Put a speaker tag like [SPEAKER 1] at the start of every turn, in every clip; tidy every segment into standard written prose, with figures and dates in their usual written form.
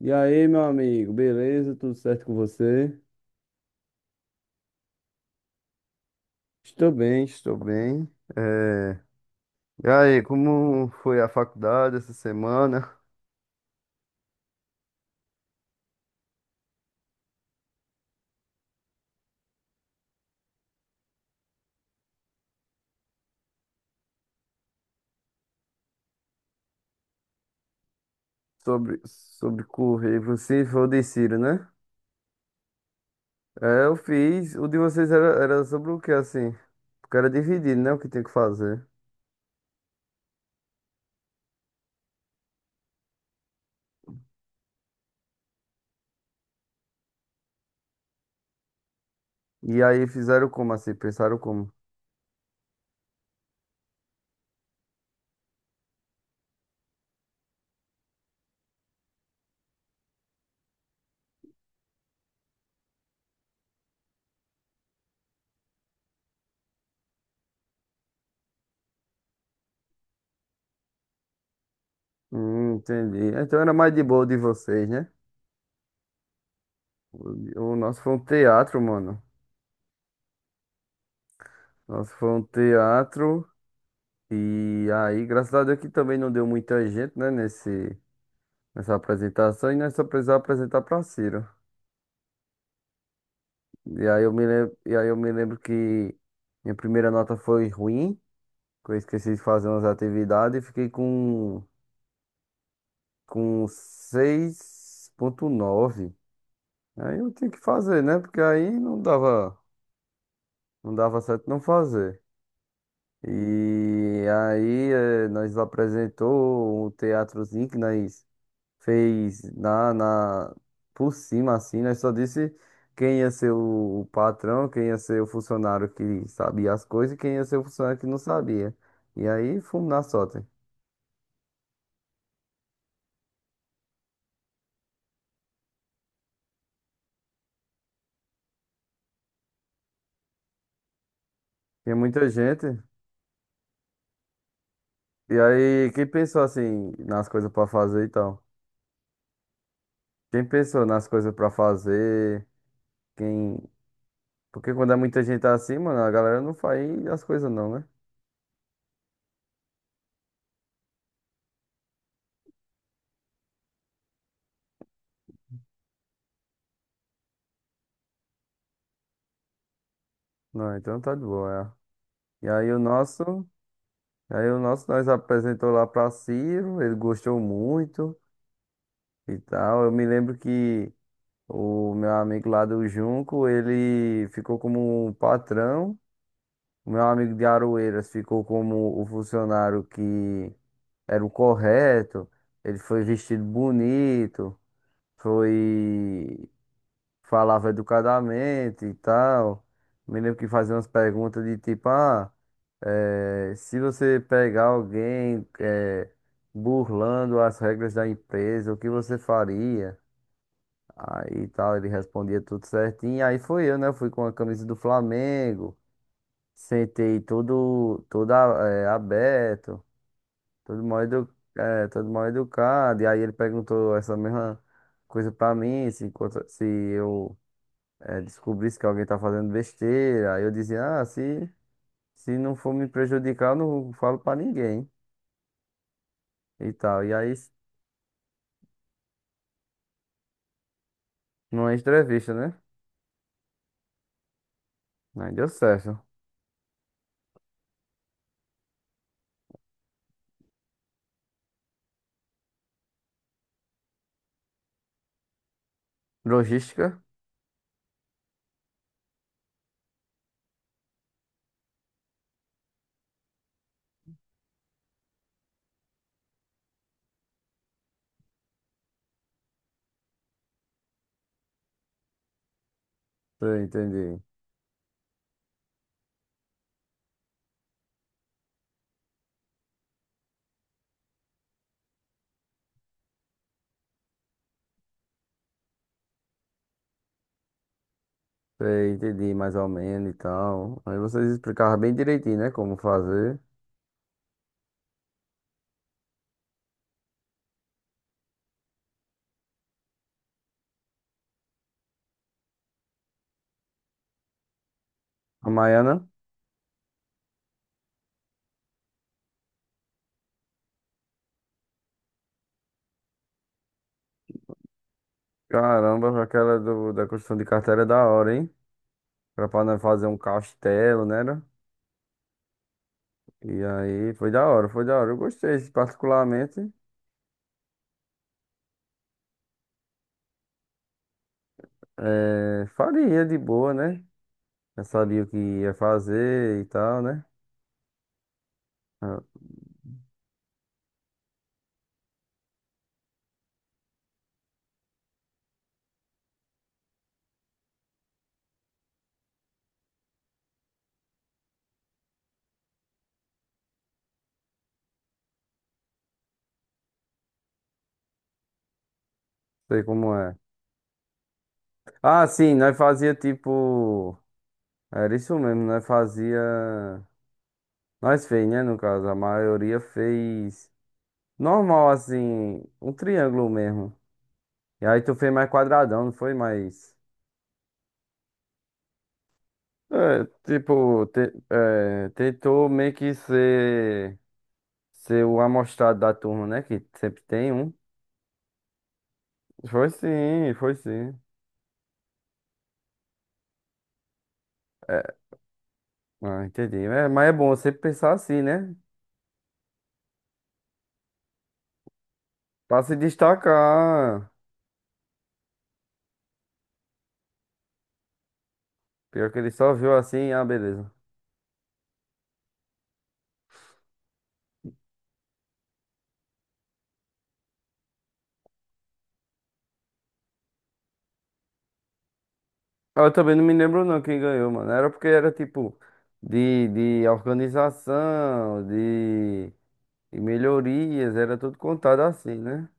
[SPEAKER 1] E aí, meu amigo, beleza? Tudo certo com você? Estou bem, estou bem. Eh, E aí, como foi a faculdade essa semana? Sobre currículo, se for de Ciro, né? É, eu fiz. O de vocês era, sobre o que, assim? Porque era dividido, né? O que tem que fazer. E aí fizeram como, assim? Pensaram como? Entendi. Então era mais de boa o de vocês, né? O, o nosso foi um teatro, mano. Nosso foi um teatro. E aí, graças a Deus que também não deu muita gente, né, nessa apresentação, e nós só precisávamos apresentar para Ciro. E aí eu me lembro, e aí eu me lembro que minha primeira nota foi ruim, que eu esqueci de fazer umas atividades e fiquei com 6,9. Aí eu tinha que fazer, né? Porque aí não dava, não dava certo não fazer. E aí nós apresentou um teatrozinho que nós fez na por cima assim, nós só disse quem ia ser o patrão, quem ia ser o funcionário que sabia as coisas e quem ia ser o funcionário que não sabia. E aí fomos na sorte. Tinha muita gente. E aí quem pensou assim nas coisas pra fazer e tal? Quem pensou nas coisas pra fazer? Quem... Porque quando é muita gente assim, mano, a galera não faz as coisas não, né? Não, então tá de boa. É. E aí o nosso nós apresentou lá pra Ciro, ele gostou muito e tal. Eu me lembro que o meu amigo lá do Junco, ele ficou como o patrão. O meu amigo de Aroeiras ficou como o funcionário que era o correto. Ele foi vestido bonito, foi, falava educadamente e tal. Me lembro que fazia umas perguntas de tipo, ah, se você pegar alguém burlando as regras da empresa, o que você faria? Aí tal, ele respondia tudo certinho. Aí foi eu, né? Fui com a camisa do Flamengo, sentei todo, é, aberto, todo mal, edu, é, todo mal educado. E aí ele perguntou essa mesma coisa pra mim, se, se eu é, descobrisse que alguém tá fazendo besteira. Aí eu dizia, ah, se não for me prejudicar, eu não falo pra ninguém e tal. E aí, numa entrevista, né? Aí deu certo. Logística? Eu entendi. Sei, entendi mais ou menos e tal. Aí vocês explicavam bem direitinho, né? Como fazer. A Maiana, caramba, aquela da construção de carteira é da hora, hein? Era pra nós fazer um castelo, né? Era? E aí foi da hora, foi da hora. Eu gostei, particularmente. É, faria de boa, né? Já sabia o que ia fazer e tal, né? Ah, sei como é. Ah, sim, nós fazia tipo. Era isso mesmo, nós fazia. Nós fez, né? No caso, a maioria fez. Normal, assim, um triângulo mesmo. E aí tu fez mais quadradão, não foi mais. É, tipo, tentou meio que ser, ser o amostrado da turma, né? Que sempre tem um. Foi sim, foi sim. É, ah, entendi. É, mas é bom sempre pensar assim, né? Pra se destacar. Pior que ele só viu assim, ah, beleza. Ah, eu também não me lembro não quem ganhou, mano. Era porque era tipo de organização, de... E melhorias, era tudo contado assim, né?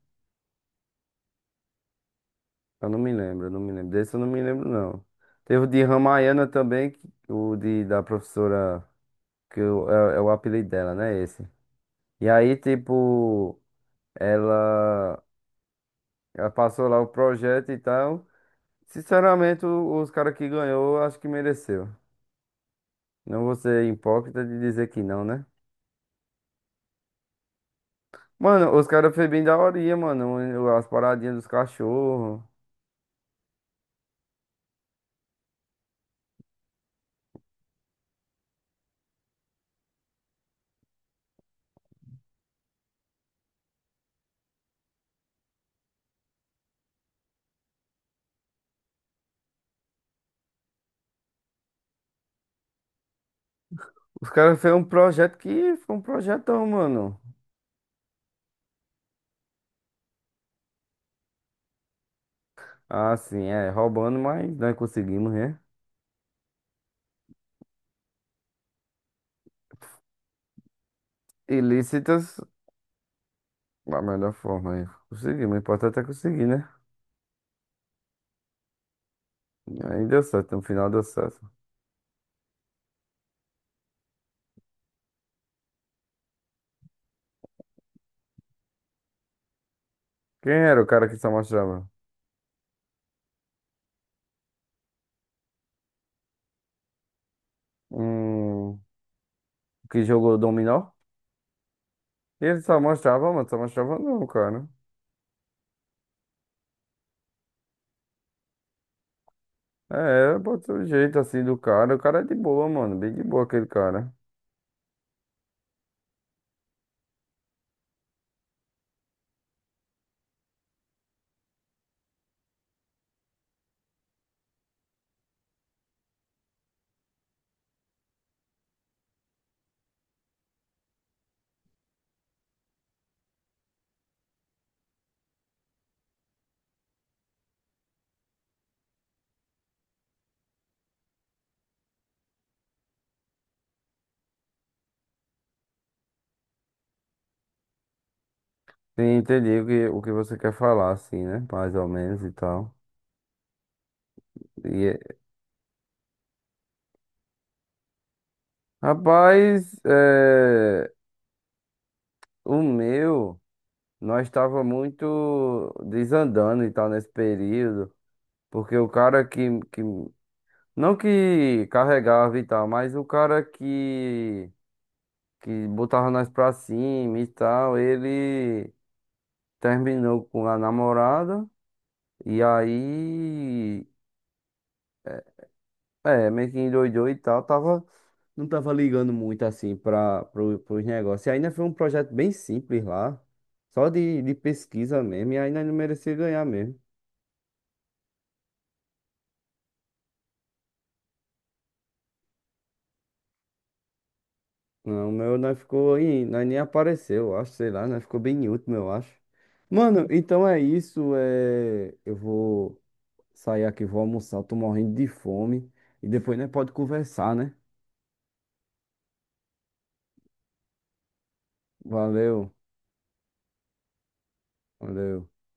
[SPEAKER 1] Eu não me lembro, eu não me lembro. Desse eu não me lembro, não. Teve o de Ramayana também, que- o de, da professora, que eu- é, é o apelido dela, né? Esse. E aí, tipo, ela, ela passou lá o projeto e tal. Sinceramente, o- os caras que ganhou, eu acho que mereceu. Não vou ser hipócrita de dizer que não, né? Mano, os caras fez bem daorinha, mano. As paradinhas dos cachorros. Os caras fez um projeto que foi um projetão, mano. Ah, sim, é, roubando, mas nós conseguimos, né? Ilícitas, da melhor forma aí. Conseguimos, o importante é conseguir, né? Aí deu certo, no final deu certo. Quem era o cara que só mostrava? Hum, que jogou dominó? Ele só mostrava, mano, só mostrava não, cara. É, botou o jeito assim do cara. O cara é de boa, mano, bem de boa aquele cara. Sim, entendi o que você quer falar, assim, né? Mais ou menos e tal. E, é- rapaz, é, o meu. Nós estava muito desandando e tal nesse período, porque o cara que não que carregava e tal, mas o cara que botava nós pra cima e tal, ele terminou com a namorada e aí é, é, meio que endoidou e tal, tava não tava ligando muito assim para pros negócios. E ainda foi um projeto bem simples lá, só de pesquisa mesmo, e ainda não merecia ganhar mesmo. Não, o meu nós ficou aí, nós nem apareceu, eu acho, sei lá, nós ficou bem em último, eu acho. Mano, então é isso, é... eu vou sair aqui, vou almoçar, eu tô morrendo de fome e depois nós pode conversar, né? Valeu, valeu.